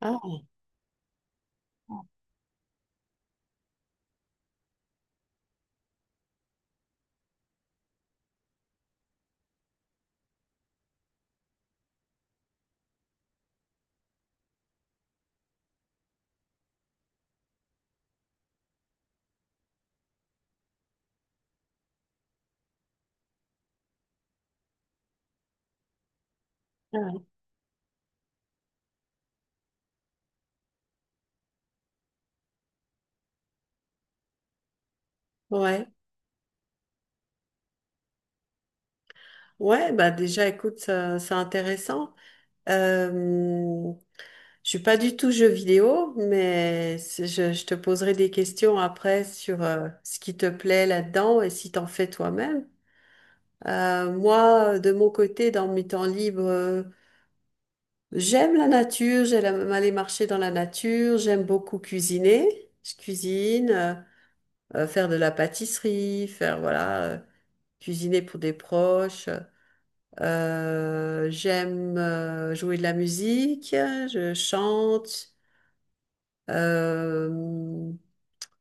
Ah, ah, ouais, ouais, bah déjà, écoute, c'est intéressant. Euh, je suis pas du tout jeu vidéo, mais je te poserai des questions après sur ce qui te plaît là-dedans et si t'en fais toi-même. Moi, de mon côté, dans mes temps libres, j'aime la nature, j'aime aller marcher dans la nature, j'aime beaucoup cuisiner. Je cuisine, faire de la pâtisserie, faire, voilà, cuisiner pour des proches. J'aime jouer de la musique, je chante, euh,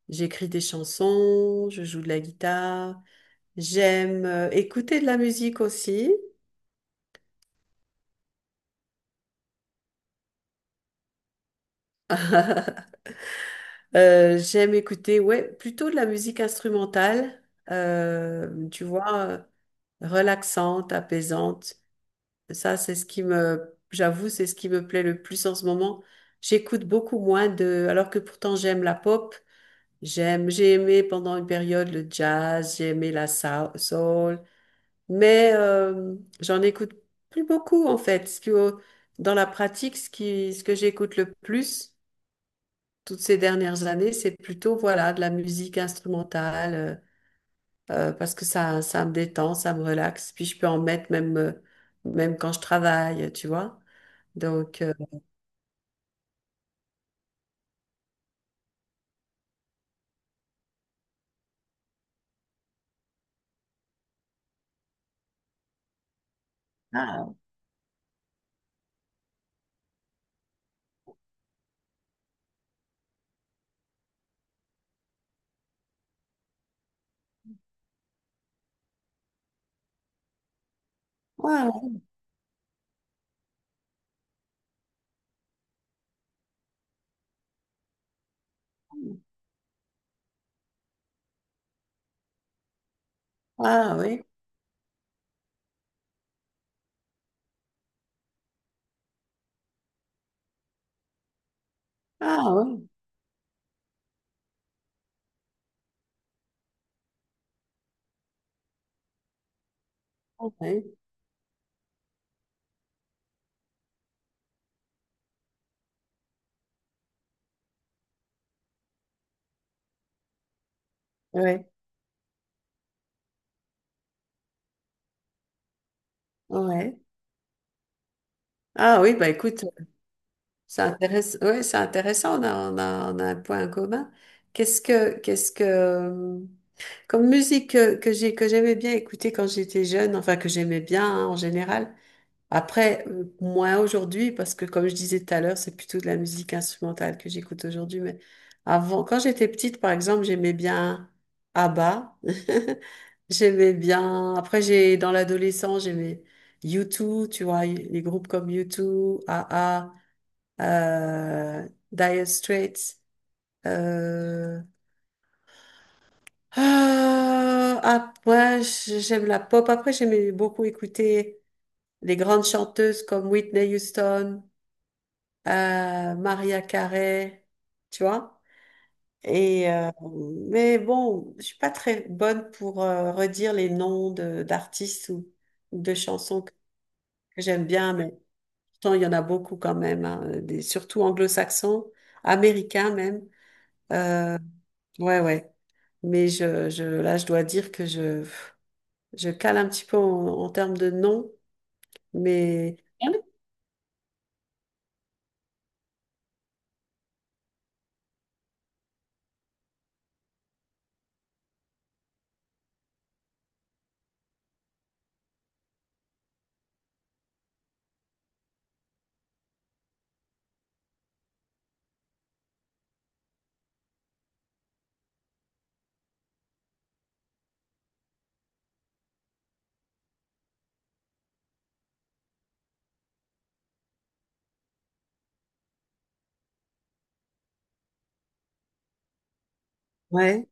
j'écris des chansons, je joue de la guitare. J'aime écouter de la musique aussi. J'aime écouter, ouais, plutôt de la musique instrumentale, tu vois, relaxante, apaisante. Ça, c'est ce qui me, j'avoue, c'est ce qui me plaît le plus en ce moment. J'écoute beaucoup moins de, alors que pourtant j'aime la pop. J'aime, j'ai aimé pendant une période le jazz, j'ai aimé la soul, mais j'en écoute plus beaucoup en fait. Ce qui, dans la pratique, ce qui, ce que j'écoute le plus toutes ces dernières années, c'est plutôt voilà de la musique instrumentale parce que ça me détend, ça me relaxe. Puis je peux en mettre même, même quand je travaille, tu vois. Donc ah, ouais, ouais, ah oui, ah oui, ouais, ouais, ouais. Ah oui, bah écoute. C'est intéressant, ouais, c'est intéressant, on a un point commun. Qu'est-ce que, qu'est-ce que, euh, comme musique que j'aimais bien écouter quand j'étais jeune, enfin que j'aimais bien hein, en général. Après, moins aujourd'hui, parce que comme je disais tout à l'heure, c'est plutôt de la musique instrumentale que j'écoute aujourd'hui. Mais avant, quand j'étais petite, par exemple, j'aimais bien ABBA. J'aimais bien. Après, j'ai dans l'adolescence, j'aimais U2, tu vois, les groupes comme u deux, A A Dire Straits. euh, ah, après, j'aime la pop. Après, j'aimais beaucoup écouter les grandes chanteuses comme Whitney Houston, Mariah Carey, tu vois. Et mais bon, je suis pas très bonne pour redire les noms de d'artistes ou de chansons que j'aime bien, mais pourtant il y en a beaucoup quand même, hein, des, surtout anglo-saxons, américains même. Euh, ouais, ouais. Mais là, je dois dire que je cale un petit peu en termes de nom, mais ouais.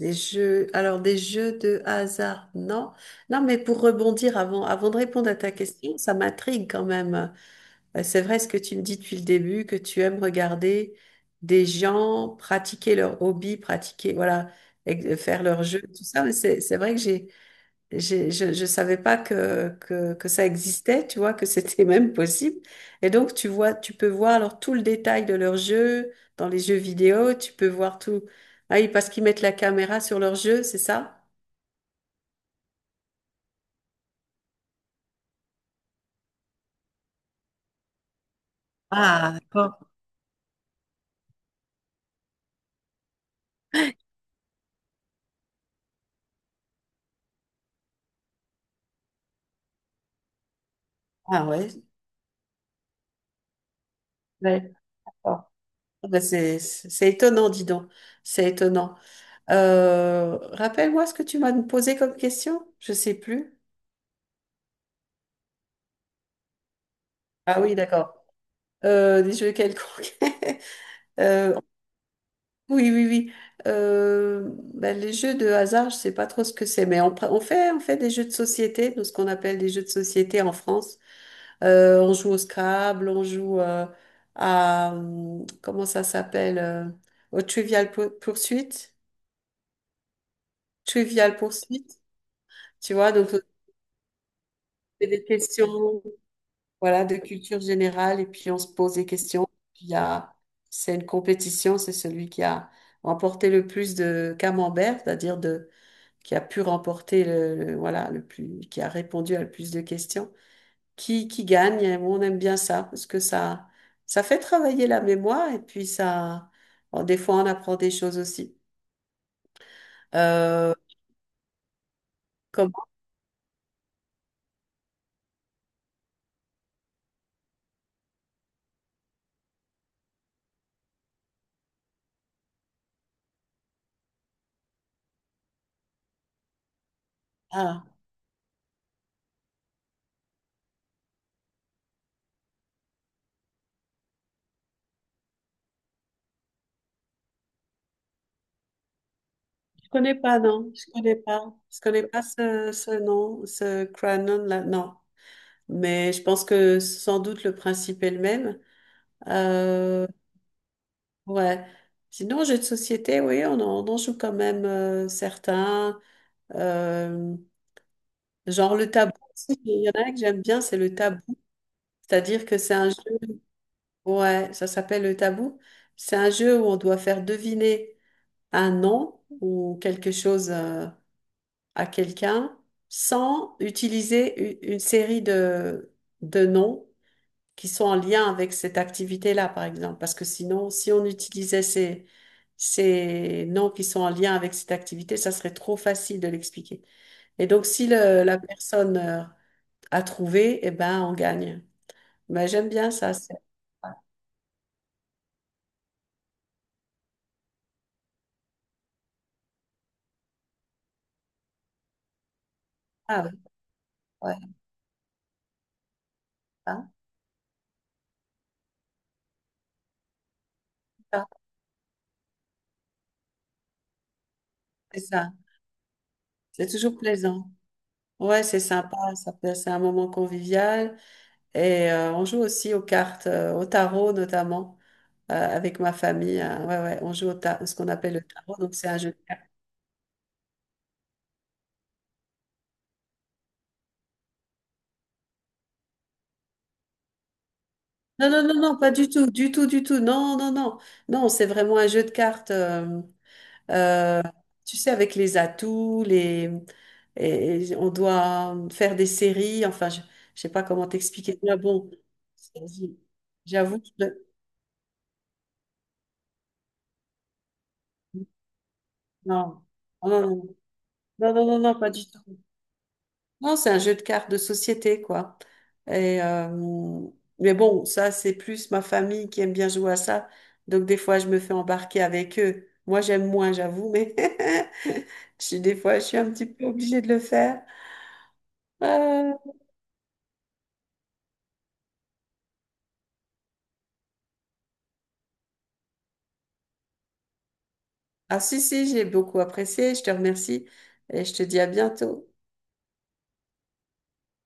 Des jeux, alors des jeux de hasard, non. Non, mais pour rebondir avant de répondre à ta question, ça m'intrigue quand même. C'est vrai ce que tu me dis depuis le début, que tu aimes regarder des gens pratiquer leur hobby, pratiquer, voilà, faire leur jeu, tout ça. Mais c'est vrai que je ne savais pas que ça existait, tu vois, que c'était même possible. Et donc, tu vois, tu peux voir alors tout le détail de leurs jeux dans les jeux vidéo, tu peux voir tout. Ah oui, parce qu'ils mettent la caméra sur leur jeu, c'est ça? Ah, d'accord. Ah ouais. Ouais, d'accord. Ah ben, c'est étonnant, dis donc. C'est étonnant. Rappelle-moi ce que tu m'as posé comme question. Je sais plus. Ah oui, d'accord. Des jeux quelconques. Euh, Oui, oui, oui. Ben, les jeux de hasard, je sais pas trop ce que c'est, mais on fait des jeux de société, nous, ce qu'on appelle des jeux de société en France. On joue au Scrabble, on joue à, comment ça s'appelle, au Trivial Pursuit, tu vois, donc on fait des questions, voilà, de culture générale, et puis on se pose des questions. Il y a, c'est une compétition, c'est celui qui a remporté le plus de camembert, c'est-à-dire de qui a pu remporter voilà, le plus, qui a répondu à le plus de questions, qui gagne. Et on aime bien ça parce que ça fait travailler la mémoire et puis ça, bon, des fois on apprend des choses aussi. Euh, Comment? Ah, je connais pas, non, je connais pas ce nom, ce Cranon là, non. Mais je pense que sans doute le principe est le même. Euh, ouais. Sinon, jeux de société, oui, on en joue quand même certains. Euh, Genre le tabou, aussi, il y en a un que j'aime bien, c'est le tabou. C'est-à-dire que c'est un jeu, ouais, ça s'appelle le tabou. C'est un jeu où on doit faire deviner un nom ou quelque chose à quelqu'un sans utiliser une série de noms qui sont en lien avec cette activité-là, par exemple. Parce que sinon, si on utilisait ces noms qui sont en lien avec cette activité, ça serait trop facile de l'expliquer. Et donc, si la personne à trouver, eh ben, on gagne. Mais j'aime bien ça. Ah oui, ouais, hein, ça, ça. C'est toujours plaisant. Ouais, c'est sympa. C'est un moment convivial. Et on joue aussi aux cartes, au tarot notamment, avec ma famille, hein. Ouais, ouais, on joue au ce qu'on appelle le tarot. Donc, c'est un jeu de cartes. Non, non, non, non, pas du tout, du tout, du tout. Non, non, non. Non, c'est vraiment un jeu de cartes. Euh, Tu sais, avec les atouts, les... et on doit faire des séries. Enfin, je ne sais pas comment t'expliquer. Mais bon, c'est- j'avoue que... Non. Non, non, non, non, non, non, non, pas du tout. Non, c'est un jeu de cartes de société, quoi. Et, mais bon, ça, c'est plus ma famille qui aime bien jouer à ça. Donc, des fois, je me fais embarquer avec eux. Moi, j'aime moins, j'avoue, mais je des fois, je suis un petit peu obligée de le faire. Euh, Ah si, si, j'ai beaucoup apprécié, je te remercie et je te dis à bientôt.